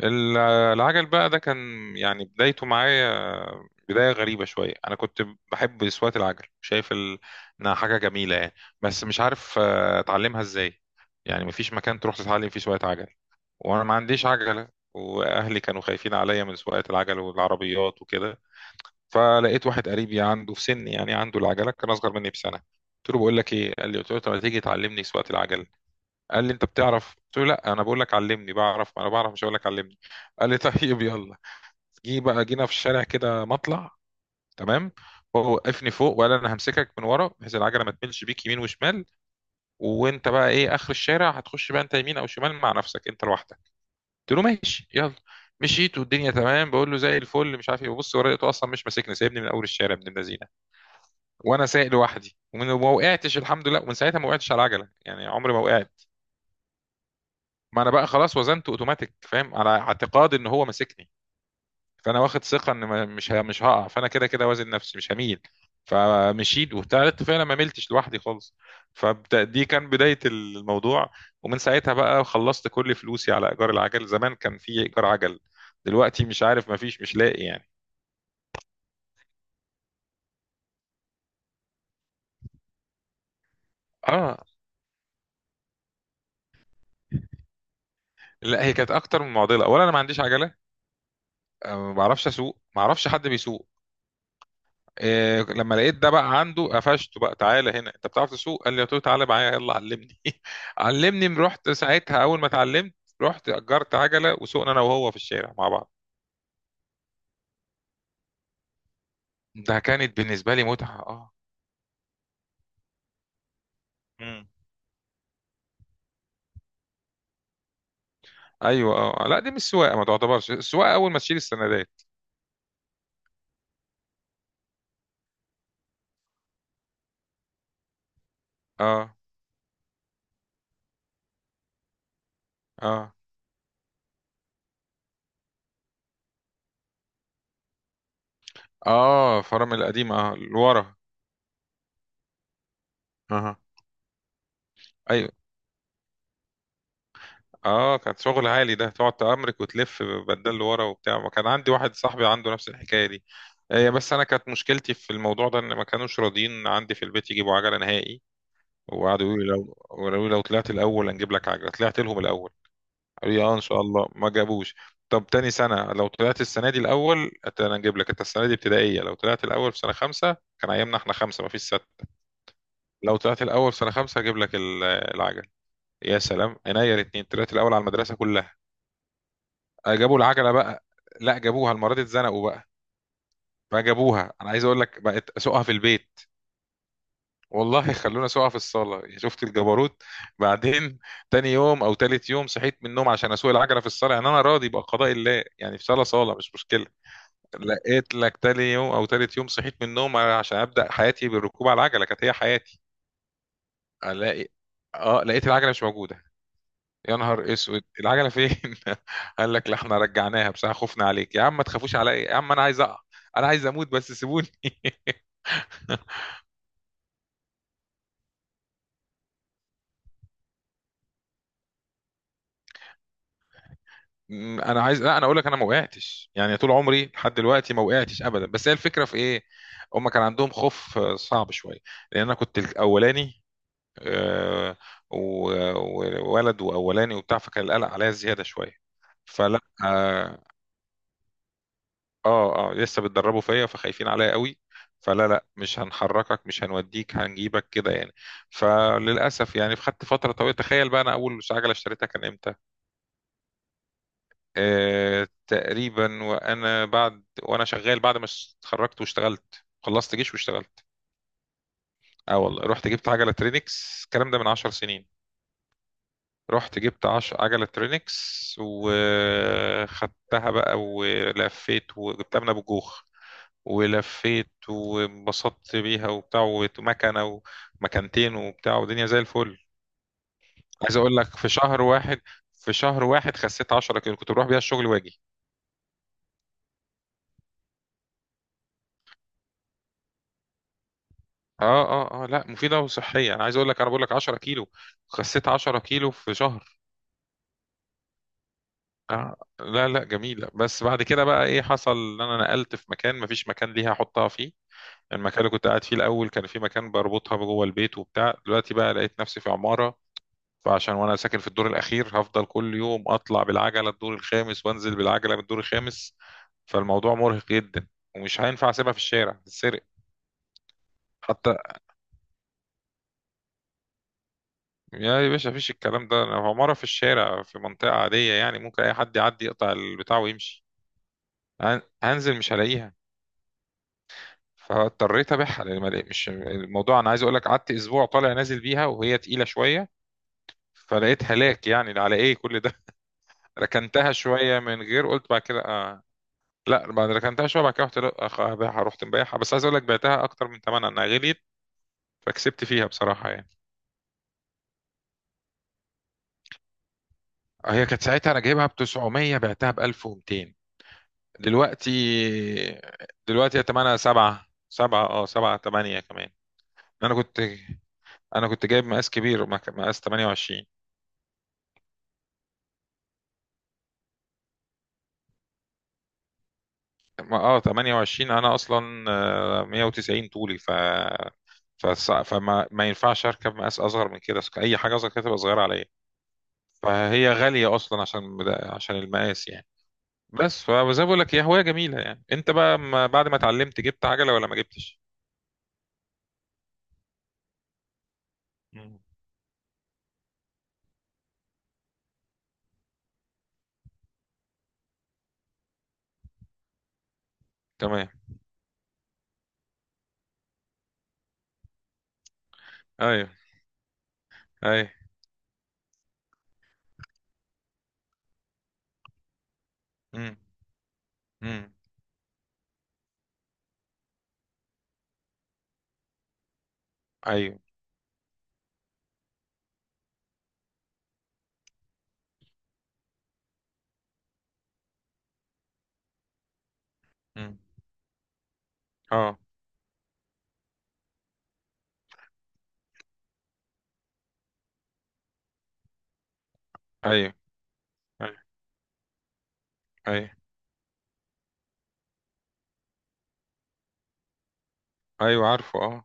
ال- العجل بقى ده كان يعني بدايته معايا، بداية غريبة شوية. أنا كنت بحب سواقة العجل، شايف إنها حاجة جميلة يعني، بس مش عارف أتعلمها إزاي. يعني مفيش مكان تروح تتعلم فيه سواقة عجل، وأنا ما عنديش عجلة، وأهلي كانوا خايفين عليا من سواقة العجل والعربيات وكده. فلقيت واحد قريبي عنده في سني، يعني عنده العجلة، كان أصغر مني بسنة. قلت له بقول لك إيه، قال لي، قلت له طب ما تيجي تعلمني سواقة العجل. قال لي انت بتعرف، قلت له لا انا بقول لك علمني، بعرف ما انا بعرف، مش هقول لك علمني. قال لي طيب يلا. جه بقى، جينا في الشارع كده مطلع، تمام. هو وقفني فوق وقال انا همسكك من ورا بحيث العجله ما تملش بيك يمين وشمال، وانت بقى ايه اخر الشارع هتخش بقى انت يمين او شمال مع نفسك انت لوحدك. قلت له ماشي يلا. مشيت والدنيا تمام، بقول له زي الفل مش عارف ايه، ببص ورايا لقيته اصلا مش ماسكني، سايبني من اول الشارع ابن اللذينه. وانا سايق لوحدي ومن ما وقعتش الحمد لله، ومن ساعتها ما وقعتش على العجله يعني، عمري ما وقعت. ما انا بقى خلاص وزنته اوتوماتيك فاهم، على اعتقاد ان هو ماسكني، فانا واخد ثقه ان مش هقع، فانا كده كده وازن نفسي مش هميل. فمشيت وابتديت فعلا ما ملتش لوحدي خالص. فدي كان بدايه الموضوع. ومن ساعتها بقى خلصت كل فلوسي على ايجار العجل، زمان كان في ايجار عجل، دلوقتي مش عارف، ما فيش، مش لاقي يعني. اه. لا هي كانت اكتر من معضله، اولا انا ما عنديش عجله، ما بعرفش اسوق، ما اعرفش حد بيسوق. إيه، لما لقيت ده بقى عنده قفشته بقى، تعالى هنا انت بتعرف تسوق، قال لي، قلت له تعالى معايا يلا علمني. علمني، رحت ساعتها اول ما اتعلمت رحت اجرت عجله، وسوقنا انا وهو في الشارع مع بعض. ده كانت بالنسبه لي متعه، اه. مم. ايوه اه، لا دي مش سواقه، ما تعتبرش السواقه اول ما تشيل السندات. اه اه اه، فرامل القديمه اه، لورا. اه ايوه اه، كان شغل عالي ده، تقعد تأمرك وتلف بدل لورا وبتاع، ما كان عندي واحد صاحبي عنده نفس الحكاية دي. هي بس انا كانت مشكلتي في الموضوع ده ان ما كانوش راضيين عندي في البيت يجيبوا عجلة نهائي. وقعدوا يقولوا لي لو، قالوا لي لو طلعت الاول هنجيب لك عجلة. طلعت لهم الاول، قالوا لي اه ان شاء الله، ما جابوش. طب تاني سنة، لو طلعت السنة دي الاول انا هنجيب لك. انت السنة دي ابتدائية، لو طلعت الاول في سنة خمسة، كان ايامنا احنا خمسة ما فيش ستة، لو طلعت الاول في سنة خمسة هجيب لك العجل. يا سلام، عينيا الاتنين، طلعت الاول على المدرسة كلها. جابوا العجله بقى. لا جابوها، المره دي اتزنقوا بقى، فجابوها. انا عايز اقول لك بقت اسوقها في البيت، والله خلونا اسوقها في الصاله، يا شفت الجبروت. بعدين تاني يوم او تالت يوم صحيت من النوم عشان اسوق العجله في الصاله، يعني انا راضي بقضاء الله يعني، في صاله، صاله مش مشكله. لقيت لك تاني يوم او تالت يوم صحيت من النوم عشان ابدا حياتي بالركوب على العجله، كانت هي حياتي. الاقي، اه، لقيت العجله مش موجوده. يا نهار اسود، العجله فين؟ قال لك لا احنا رجعناها بصراحه خفنا عليك. يا عم ما تخافوش عليا يا عم، انا عايز اقع، انا عايز اموت بس سيبوني. م- انا عايز لا انا اقول لك انا ما وقعتش، يعني طول عمري لحد دلوقتي ما وقعتش ابدا، بس هي الفكره في ايه، هم كان عندهم خوف، صعب شويه، لان انا كنت الاولاني، آه، و- وولد واولاني وبتاع، فكان القلق عليا زياده شويه. فلا اه اه، لسه بتدربوا فيا، فخايفين عليا قوي، فلا لا، مش هنحركك، مش هنوديك، هنجيبك كده يعني. فللاسف يعني خدت فتره طويله، تخيل بقى انا اول عجله اشتريتها كان امتى؟ تقريبا وانا بعد وانا شغال، بعد ما اتخرجت واشتغلت، خلصت جيش واشتغلت، اه والله رحت جبت عجله ترينكس. الكلام ده من عشر سنين. رحت جبت عجله ترينكس، وخدتها بقى ولفيت، وجبتها من ابو جوخ، ولفيت وانبسطت بيها وبتاع، ومكنة ومكانتين وبتاع ودنيا زي الفل. عايز اقول لك في شهر واحد، خسيت 10 كيلو، كنت بروح بيها الشغل واجي. اه اه اه، لا مفيدة وصحية، انا عايز اقول لك، انا بقول لك 10 كيلو، خسيت 10 كيلو في شهر. لا لا جميلة، بس بعد كده بقى ايه حصل، ان انا نقلت في مكان مفيش مكان ليها احطها فيه. المكان اللي كنت قاعد فيه الاول كان في مكان بربطها جوه البيت وبتاع، دلوقتي بقى لقيت نفسي في عمارة، فعشان وانا ساكن في الدور الاخير هفضل كل يوم اطلع بالعجله الدور الخامس وانزل بالعجله من الدور الخامس، فالموضوع مرهق جدا، ومش هينفع اسيبها في الشارع تتسرق. حتى يا باشا مفيش الكلام ده، انا مره في الشارع في منطقه عاديه يعني، ممكن اي حد يعدي يقطع البتاع ويمشي، هنزل مش هلاقيها. فاضطريت ابيعها لان ما لقيت، مش الموضوع، انا عايز اقول لك قعدت اسبوع طالع نازل بيها وهي تقيله شويه، فلقيت هلاك يعني على ايه كل ده. ركنتها شويه من غير، قلت بعد كده. لا بعد ما ركنتها شويه بعد كده رحت ابيعها، رحت مبيعها، بس عايز اقول لك بعتها اكتر من ثمنها، انها غليت، فكسبت فيها بصراحه يعني. هي كانت ساعتها انا جايبها ب 900 بعتها ب 1200. دلوقتي، هي ثمنها 7، 7 اه، 7، 8 كمان. انا كنت انا كنت جايب مقاس كبير، مقاس 28، 28، انا اصلا 190 طولي، فص- فما ما ينفعش اركب مقاس اصغر من كده، اي حاجه اصغر كده تبقى صغيره عليا. فهي غالية أصلا عشان المقاس يعني. بس فزي ما بقول لك هي هواية جميلة يعني. أنت بقى ما بعد ما اتعلمت جبت عجلة ولا ما جبتش؟ مم. تمام. أيوه. أيوه. مم. مم. أيوه. مم. أه. أيوه. أيوه. أيوه. أيوه عارفه، أه.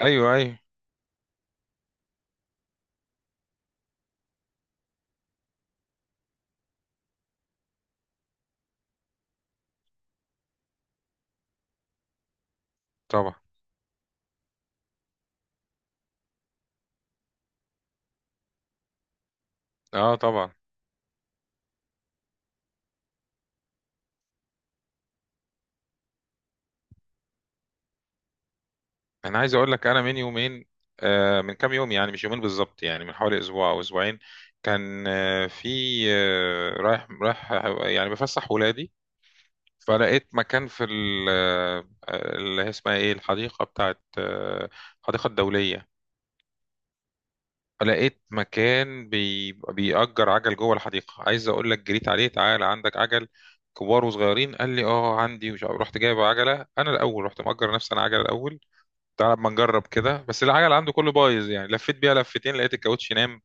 أيوه أيوه. طبعا. أه طبعا. أنا عايز أقول لك، أنا من يومين، من كام يوم يعني، مش يومين بالظبط يعني، من حوالي أسبوع أو أسبوعين، كان آه، في آه، رايح رايح، يعني بفسح ولادي، فلقيت مكان في اللي هي اسمها ايه، الحديقة بتاعت، الحديقة الدولية. فلقيت مكان بيأجر عجل جوه الحديقة. عايز اقول لك جريت عليه، تعالى عندك عجل كبار وصغيرين؟ قال لي اه عندي، مش عارف. رحت جايب عجلة، انا الاول رحت مأجر نفسي انا عجلة الاول، تعالى اما نجرب كده، بس العجل عنده كله بايظ يعني، لفيت بيها لفتين لقيت الكاوتش نام.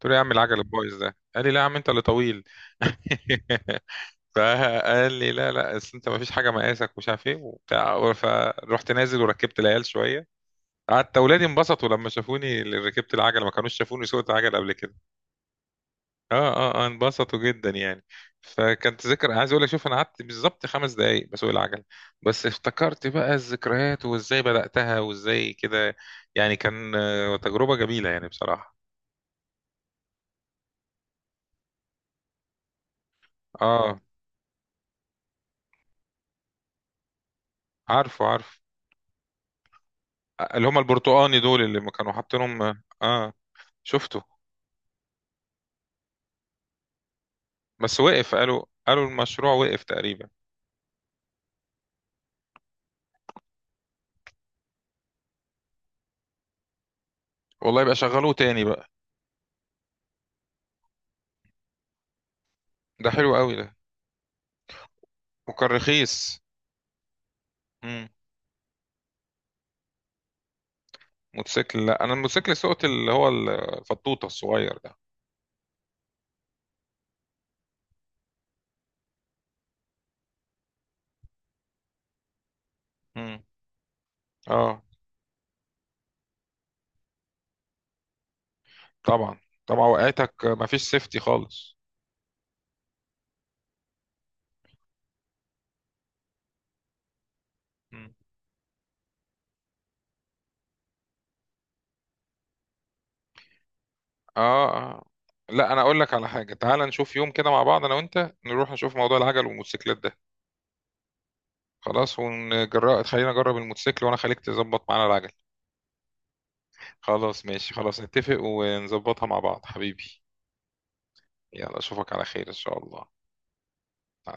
قلت له يا عم العجل البايظ ده، قال لي لا يا عم انت اللي طويل. فقال لي لا لا، اصل انت ما فيش حاجه مقاسك ومش عارف ايه وبتاع. فرحت نازل وركبت العيال شويه، قعدت اولادي انبسطوا لما شافوني، اللي ركبت العجله، ما كانوش شافوني سوقت عجل قبل كده. اه اه اه، انبسطوا جدا يعني. فكانت ذكرى، عايز اقول لك شوف، انا قعدت بالظبط خمس دقائق بسوق العجل، بس افتكرت بقى الذكريات، وازاي بداتها وازاي كده، يعني كان تجربه جميله يعني بصراحه. اه عارفه عارفه، اللي هم البرتقاني دول اللي ما كانوا حاطينهم، اه. شفته، بس وقف، قالوا المشروع وقف تقريبا. والله يبقى شغلوه تاني بقى. ده حلو قوي ده. وكان رخيص. امم. موتوسيكل، لا انا الموتوسيكل سوقت اللي هو الفطوطه الصغير ده. امم. اه طبعا. طبعا، وقعتك مفيش سيفتي خالص. مم. اه اه، لا انا اقول لك على حاجه، تعال نشوف يوم كده مع بعض انا وانت، نروح نشوف موضوع العجل والموتوسيكلات ده. خلاص ونجرب، خلينا نجرب الموتوسيكل وانا خليك تظبط معانا العجل. خلاص ماشي، خلاص نتفق ونظبطها مع بعض حبيبي. يلا اشوفك على خير ان شاء الله.